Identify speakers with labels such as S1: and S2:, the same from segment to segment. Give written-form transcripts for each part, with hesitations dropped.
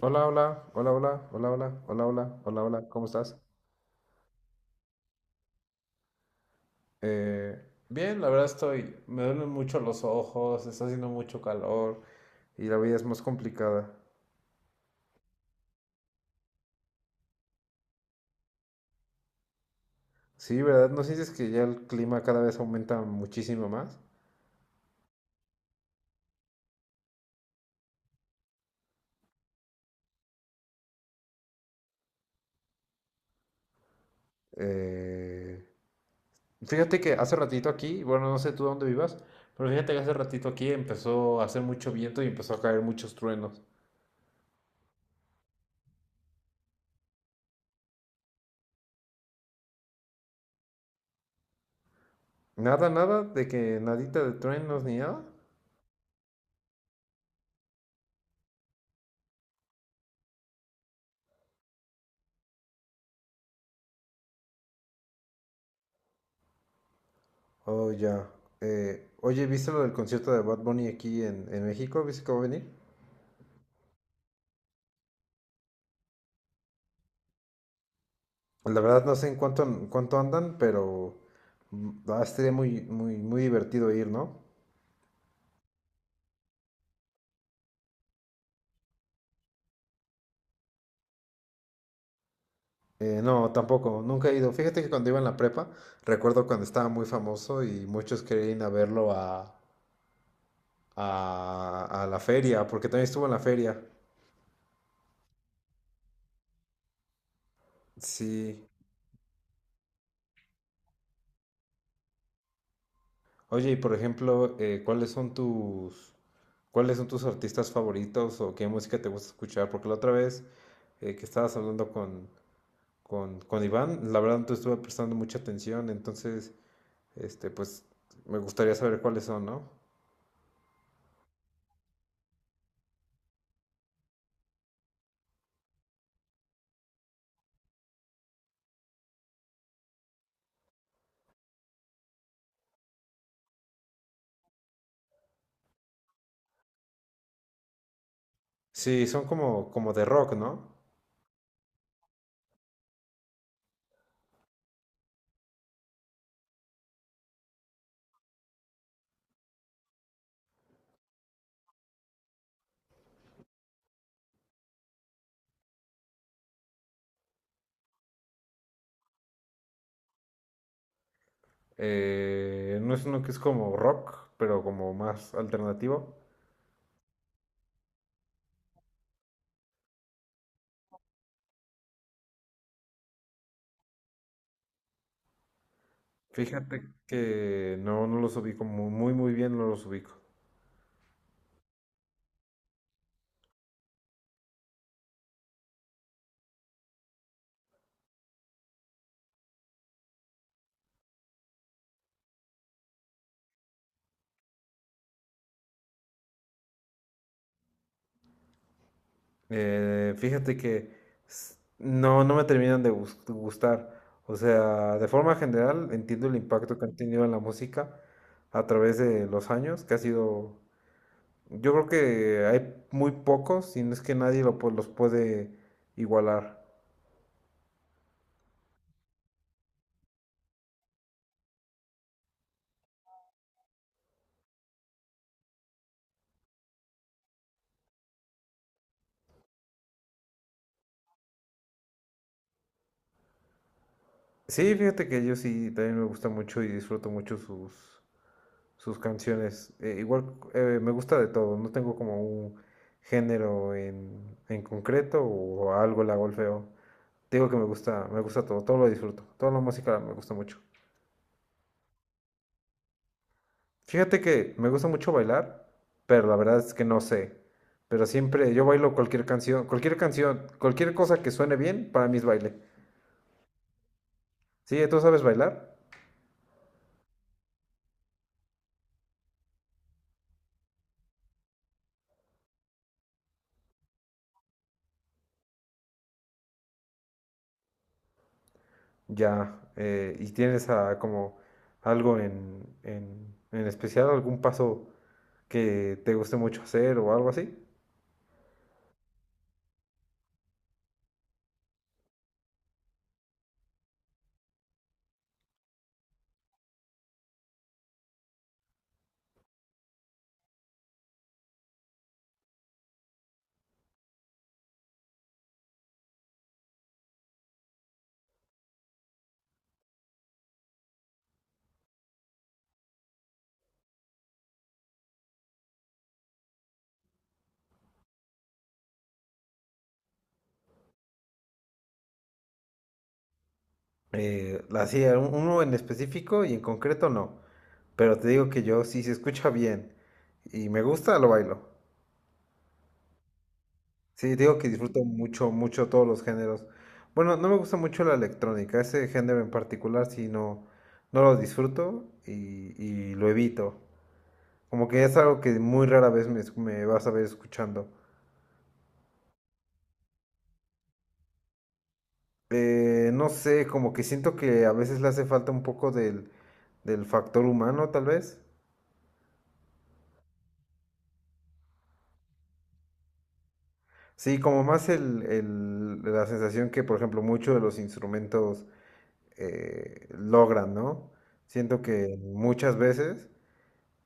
S1: Hola, hola, hola, hola, hola, hola, hola, hola, hola, hola, ¿cómo estás? Eh, Bien, la verdad estoy, me duelen mucho los ojos, está haciendo mucho calor y la vida es más complicada. Sí, ¿verdad? ¿No sientes que ya el clima cada vez aumenta muchísimo más? Eh, Fíjate que hace ratito aquí, bueno, no sé tú dónde vivas, pero fíjate que hace ratito aquí empezó a hacer mucho viento y empezó a caer muchos truenos. Nada, nada, de que nadita de truenos ni nada. Oh, ya. Oye, ¿viste lo del concierto de Bad Bunny aquí en México? ¿Viste cómo va a venir? La verdad no sé en cuánto andan, pero va a ser muy, muy, muy divertido ir, ¿no? No, tampoco, nunca he ido. Fíjate que cuando iba en la prepa, recuerdo cuando estaba muy famoso y muchos querían ir a verlo a la feria, porque también estuvo en la feria. Sí. Oye, y por ejemplo, ¿cuáles son cuáles son tus artistas favoritos o qué música te gusta escuchar? Porque la otra vez que estabas hablando con Iván, la verdad no te estuve prestando mucha atención, entonces, pues me gustaría saber cuáles son, ¿no? Sí, son como, como de rock, ¿no? No, es uno que es como rock, pero como más alternativo. Fíjate que no, no los ubico muy, muy bien, no los ubico. Fíjate que no, no me terminan de gustar. O sea, de forma general entiendo el impacto que han tenido en la música a través de los años, que ha sido, yo creo que hay muy pocos, si no es que nadie lo los puede igualar. Sí, fíjate que yo sí también me gusta mucho y disfruto mucho sus canciones. Igual me gusta de todo, no tengo como un género en concreto o algo la golfeo. Te digo que me gusta todo, todo lo disfruto. Toda la música me gusta mucho. Fíjate que me gusta mucho bailar, pero la verdad es que no sé. Pero siempre yo bailo cualquier canción, cualquier canción, cualquier cosa que suene bien, para mí es baile. Sí, tú sabes bailar, ya. Y tienes ah, como algo en especial, algún paso que te guste mucho hacer o algo así. Así, uno en específico y en concreto no. Pero te digo que yo, si se escucha bien y me gusta, lo bailo. Sí, te digo que disfruto mucho, mucho todos los géneros. Bueno, no me gusta mucho la electrónica, ese género en particular sí no, no lo disfruto y lo evito. Como que es algo que muy rara vez me vas a ver escuchando. No sé, como que siento que a veces le hace falta un poco del factor humano, tal vez. Sí, como más la sensación que, por ejemplo, muchos de los instrumentos logran, ¿no? Siento que muchas veces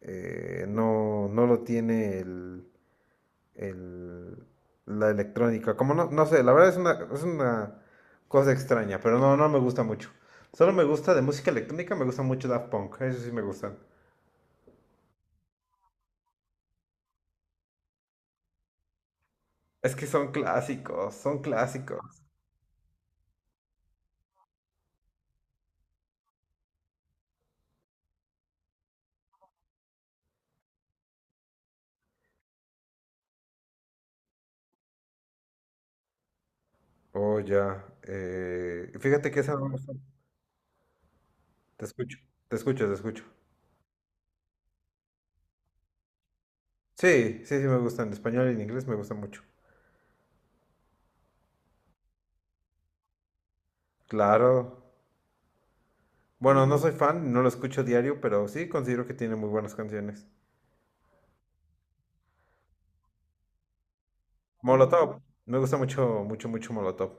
S1: no, no lo tiene el- la electrónica. Como no, no sé, la verdad es una cosa extraña, pero no, no me gusta mucho. Solo me gusta de música electrónica, me gusta mucho Daft Punk, eso sí me gustan. Es que son clásicos, son clásicos. Oh, ya. Fíjate que esa no me gusta. Te escucho, te escucho, te escucho. Sí, sí, sí me gusta. En español y en inglés me gusta mucho. Claro. Bueno, no soy fan, no lo escucho diario, pero sí considero que tiene muy buenas canciones. Molotov. Me gusta mucho, mucho, mucho Molotov.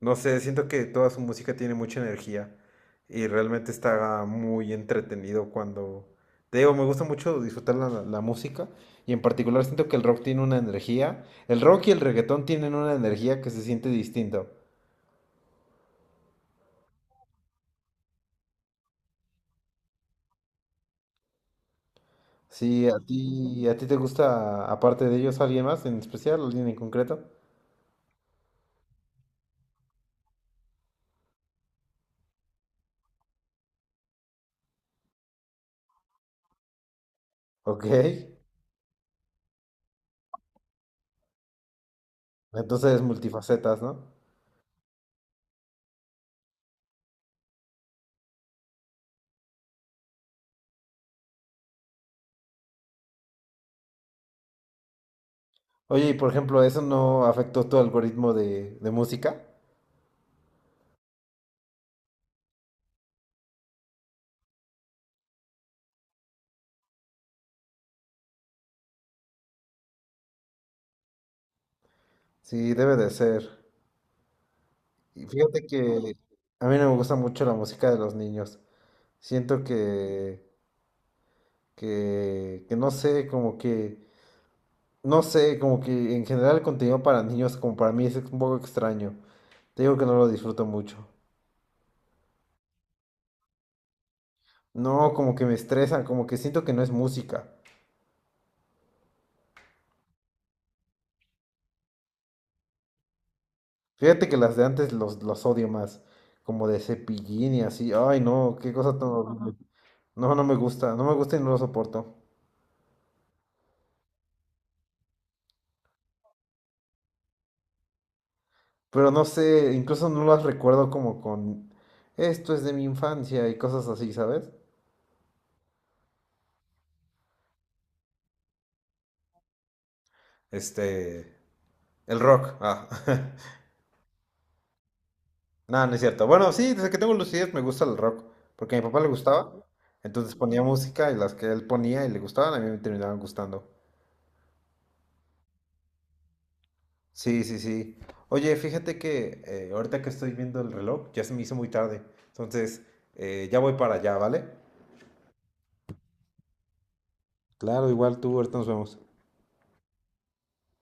S1: No sé, siento que toda su música tiene mucha energía y realmente está muy entretenido cuando... Te digo, me gusta mucho disfrutar la música y en particular siento que el rock tiene una energía. El rock y el reggaetón tienen una energía que se siente distinto. Sí, a ti te gusta, aparte de ellos, alguien más en especial, alguien en concreto. Ok, entonces multifacetas, ¿no? Oye, y por ejemplo, ¿eso no afectó tu algoritmo de música? Sí, debe de ser. Y fíjate que a mí no me gusta mucho la música de los niños. Siento que no sé, como que, no sé, como que en general el contenido para niños, como para mí es un poco extraño. Te digo que no lo disfruto mucho. No, como que me estresan, como que siento que no es música. Fíjate que las de antes los odio más, como de Cepillín y así. Ay, no, qué cosa tan horrible. No, no me gusta, no me gusta y no lo soporto. Pero no sé, incluso no las recuerdo como con esto es de mi infancia y cosas así, ¿sabes? Este, el rock. Ah. No, no es cierto. Bueno, sí, desde que tengo lucidez me gusta el rock, porque a mi papá le gustaba. Entonces ponía música y las que él ponía y le gustaban, a mí me terminaban gustando. Sí, sí, sí. Oye, fíjate que ahorita que estoy viendo el reloj, ya se me hizo muy tarde. Entonces, ya voy para allá, ¿vale? Claro, igual tú, ahorita nos vemos.